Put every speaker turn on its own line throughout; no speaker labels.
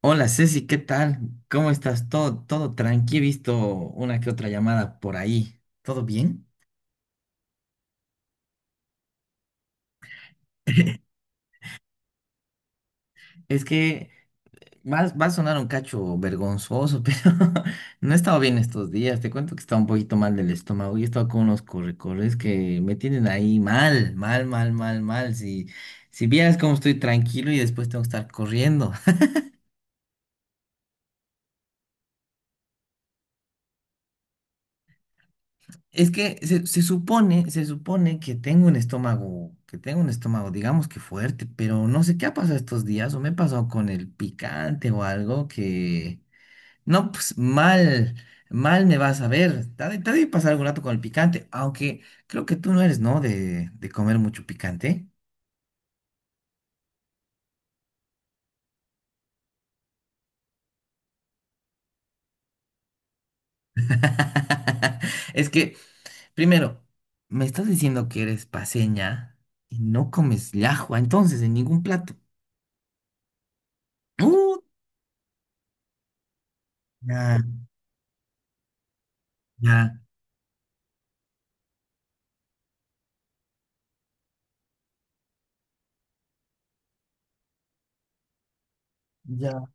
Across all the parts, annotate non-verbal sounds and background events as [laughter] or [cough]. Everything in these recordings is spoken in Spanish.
Hola Ceci, ¿qué tal? ¿Cómo estás? Todo tranqui, he visto una que otra llamada por ahí. ¿Todo bien? [laughs] Es que va a sonar un cacho vergonzoso, [laughs] pero no he estado bien estos días. Te cuento que estaba un poquito mal del estómago y he estado con unos correcorres que me tienen ahí mal, mal, mal, mal, mal. Si, si vieras cómo estoy tranquilo y después tengo que estar corriendo. Es que se supone que tengo un estómago, que tengo un estómago, digamos que fuerte, pero no sé qué ha pasado estos días, o me he pasado con el picante o algo que, no, pues mal, mal me vas a ver. Te ha de pasar algún rato con el picante, aunque creo que tú no eres, ¿no? De comer mucho picante. [laughs] Es que, primero, me estás diciendo que eres paseña y no comes llajua, entonces, en ningún plato. Uh, ya, ya. Ya.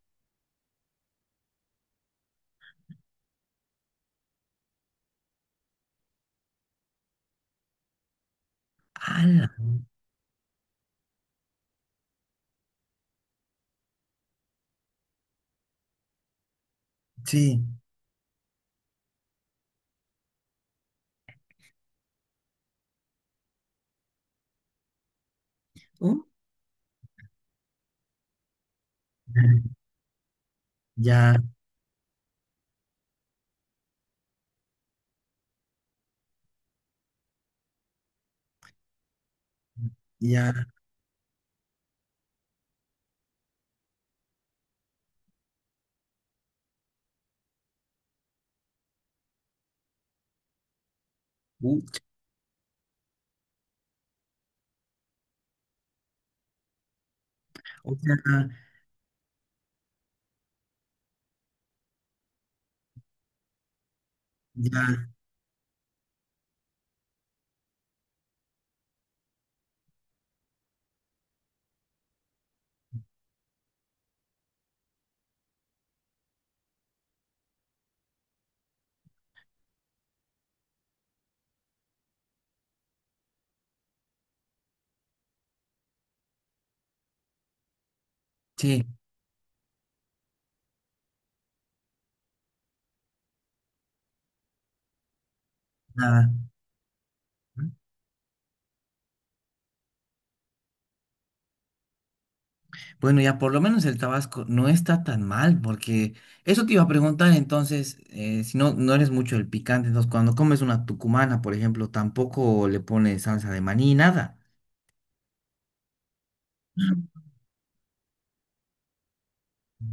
Ala, sí. ¿Mm? Ya, ya, ucha, o sea, ya, sí, nada. Bueno, ya por lo menos el Tabasco no está tan mal, porque eso te iba a preguntar entonces, si no, no eres mucho el picante, entonces cuando comes una tucumana, por ejemplo, tampoco le pones salsa de maní, nada.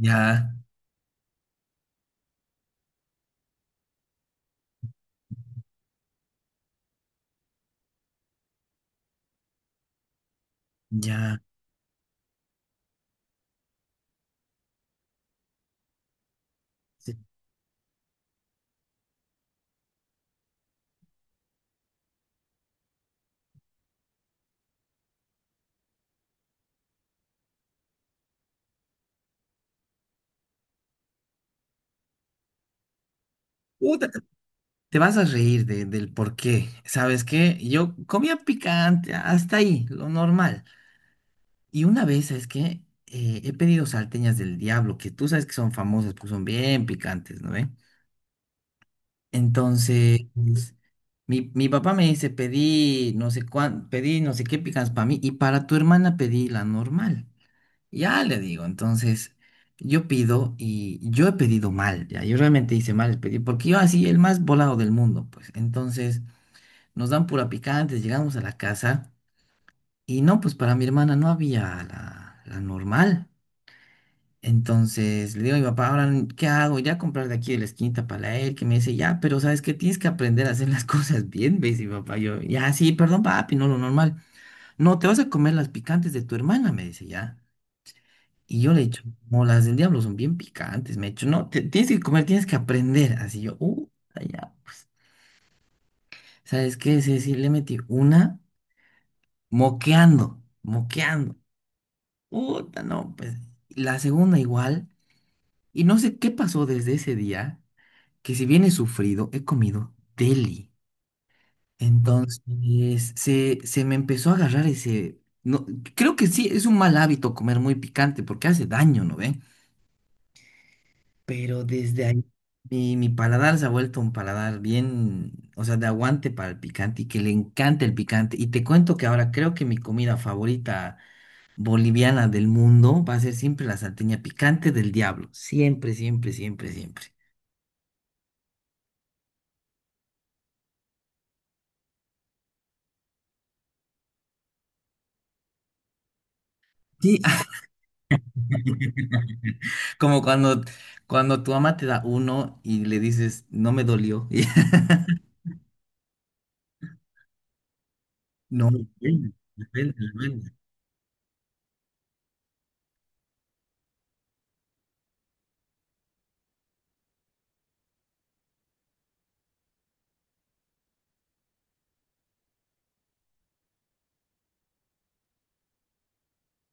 Ya, ya. Sí. Puta, te vas a reír del por qué. ¿Sabes qué? Yo comía picante, hasta ahí, lo normal. Y una vez, es que he pedido salteñas del diablo, que tú sabes que son famosas porque son bien picantes, ¿no ve? Entonces, mi papá me dice, pedí no sé cuán, pedí no sé qué picantes para mí y para tu hermana pedí la normal. Ya le digo, entonces yo pido y yo he pedido mal, ya, yo realmente hice mal, el pedí, porque yo así, el más volado del mundo, pues. Entonces nos dan pura picante, llegamos a la casa y no, pues para mi hermana no había la normal. Entonces le digo a mi papá, ahora, ¿qué hago? Ya comprar de aquí de la esquinita para él, que me dice, ya, pero ¿sabes qué? Tienes que aprender a hacer las [laughs] cosas bien, ¿ves? Y mi papá, yo, ya, sí, perdón, papi, no lo normal. No, te vas a comer las picantes de tu hermana, me dice, ya. Y yo le he dicho, no, las del diablo son bien picantes, me he dicho, no, tienes que comer, tienes que aprender. Así yo, ya, pues, ¿sabes qué? Sí, sí, le metí una moqueando, moqueando. Puta, no, pues, la segunda igual. Y no sé qué pasó desde ese día que si bien he sufrido, he comido deli. Entonces, se me empezó a agarrar ese… No, creo que sí, es un mal hábito comer muy picante porque hace daño, ¿no ve? Pero desde ahí mi paladar se ha vuelto un paladar bien, o sea, de aguante para el picante y que le encanta el picante. Y te cuento que ahora creo que mi comida favorita boliviana del mundo va a ser siempre la salteña picante del diablo. Siempre, siempre, siempre, siempre. Sí, [laughs] como cuando, cuando tu mamá te da uno y le dices, no me dolió. [laughs] No, depende, depende, depende.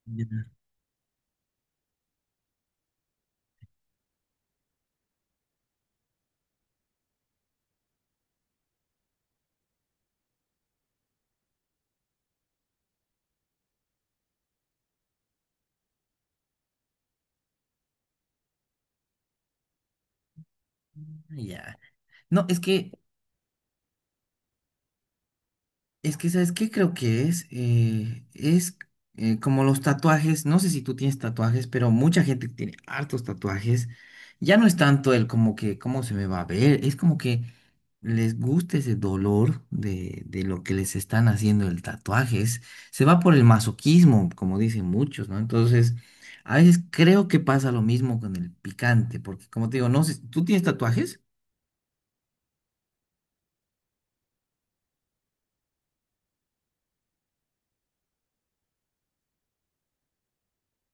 Ya. Ya. No, es que es que, ¿sabes qué creo que es? Es como los tatuajes, no sé si tú tienes tatuajes, pero mucha gente tiene hartos tatuajes. Ya no es tanto el como que, ¿cómo se me va a ver? Es como que les gusta ese dolor de lo que les están haciendo el tatuaje. Se va por el masoquismo, como dicen muchos, ¿no? Entonces, a veces creo que pasa lo mismo con el picante, porque como te digo, no sé, ¿tú tienes tatuajes?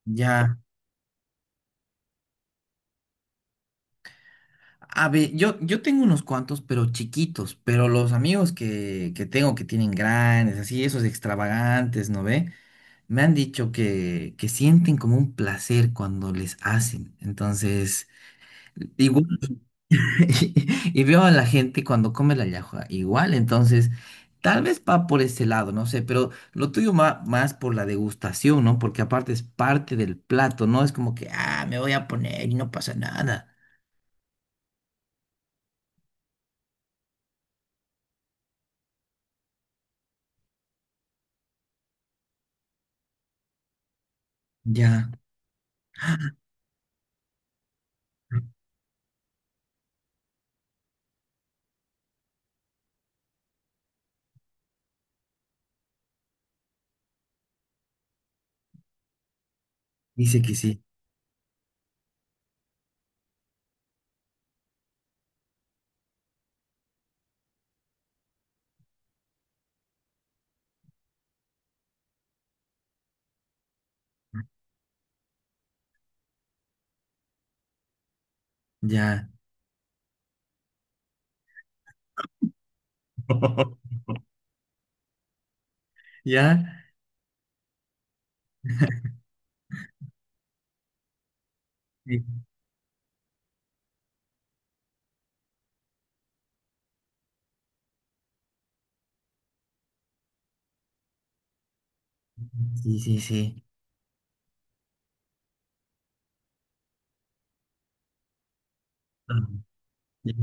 Ya. A ver, yo tengo unos cuantos, pero chiquitos, pero los amigos que tengo que tienen grandes, así, esos extravagantes, ¿no ve? Me han dicho que sienten como un placer cuando les hacen. Entonces, igual, [laughs] y veo a la gente cuando come la llajua, igual, entonces, tal vez va por ese lado, no sé, pero lo tuyo va más por la degustación, ¿no? Porque aparte es parte del plato, ¿no? Es como que, ah, me voy a poner y no pasa nada. Ya, dice que sí. Ya, [laughs] ya. Sí, sí, sí. Sí. Ya.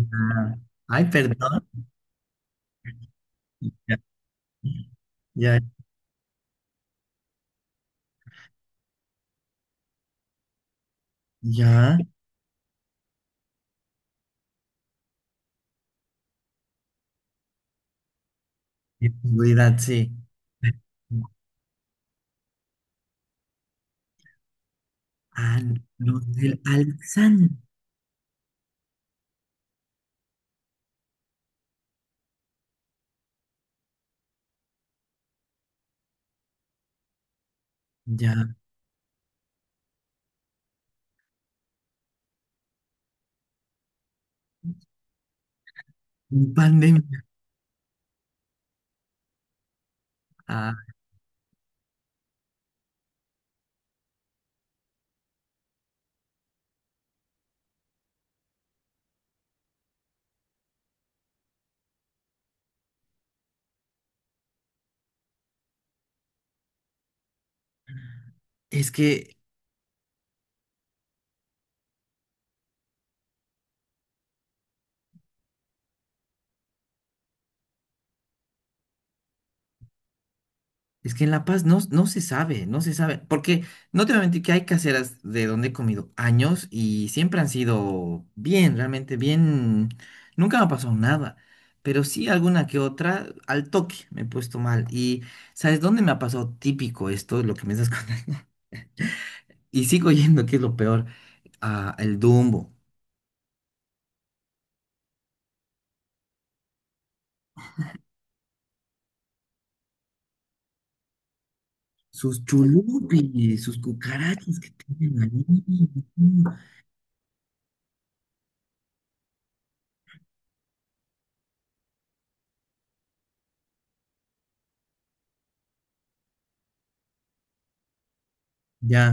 Ay, perdón. Ya, ya, ya. Seguridad, sí. Ah, no, del Alzan. Ya. Pandemia. Ah, es que es que en La Paz no, no se sabe, no se sabe, porque no te voy a mentir que hay caseras de donde he comido años y siempre han sido bien, realmente bien, nunca me ha pasado nada, pero sí alguna que otra al toque me he puesto mal y ¿sabes dónde me ha pasado típico esto, lo que me estás [laughs] contando? Y sigo yendo, que es lo peor, a el Dumbo, sus chulupis, sus cucarachas que tienen ahí. Ya,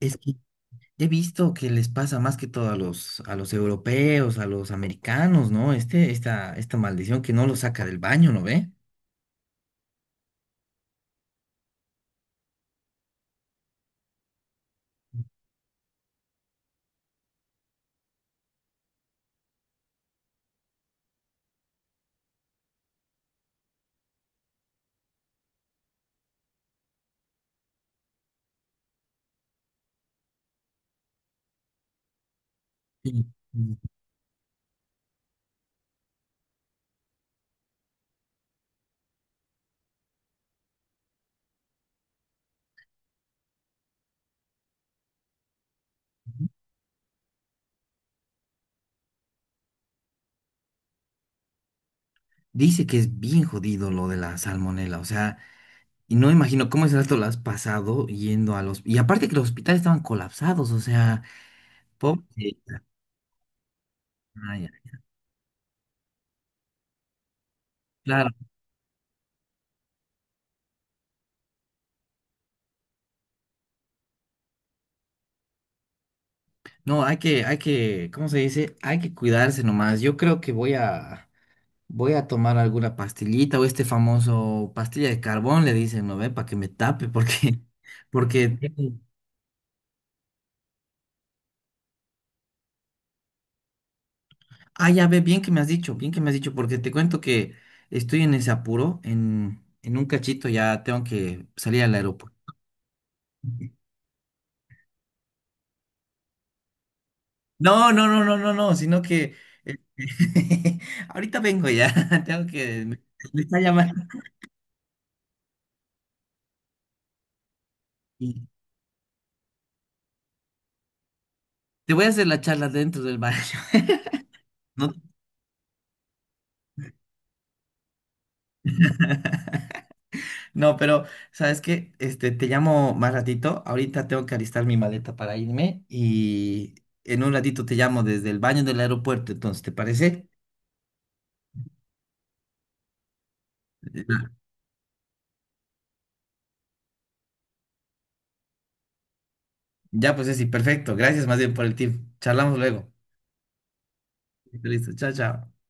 es que he visto que les pasa más que todo a los europeos, a los americanos, ¿no? Este, esta maldición que no lo saca del baño, ¿no ve? Sí. Dice que es bien jodido lo de la salmonela, o sea, y no imagino cómo es rato lo has pasado yendo a los… Y aparte que los hospitales estaban colapsados, o sea, pobre… Ah, ya. Claro, no, hay que, ¿cómo se dice? Hay que cuidarse nomás. Yo creo que voy a… Voy a tomar alguna pastillita o este famoso pastilla de carbón, le dicen, ¿no ve? Para que me tape, porque, [laughs] porque, sí. Ah, ya ve, bien que me has dicho, bien que me has dicho, porque te cuento que estoy en ese apuro, en un cachito ya tengo que salir al aeropuerto. No, no, no, no, no, no, sino que eh, [laughs] ahorita vengo ya, [laughs] tengo que, me está llamando. Y te voy a hacer la charla dentro del baño. [laughs] No, [laughs] no, pero ¿sabes que este, te llamo más ratito. Ahorita tengo que alistar mi maleta para irme y en un ratito te llamo desde el baño del aeropuerto. Entonces, ¿te parece? Ya, ya, pues sí, perfecto. Gracias más bien por el tip. Charlamos luego. Listo, chao, chao.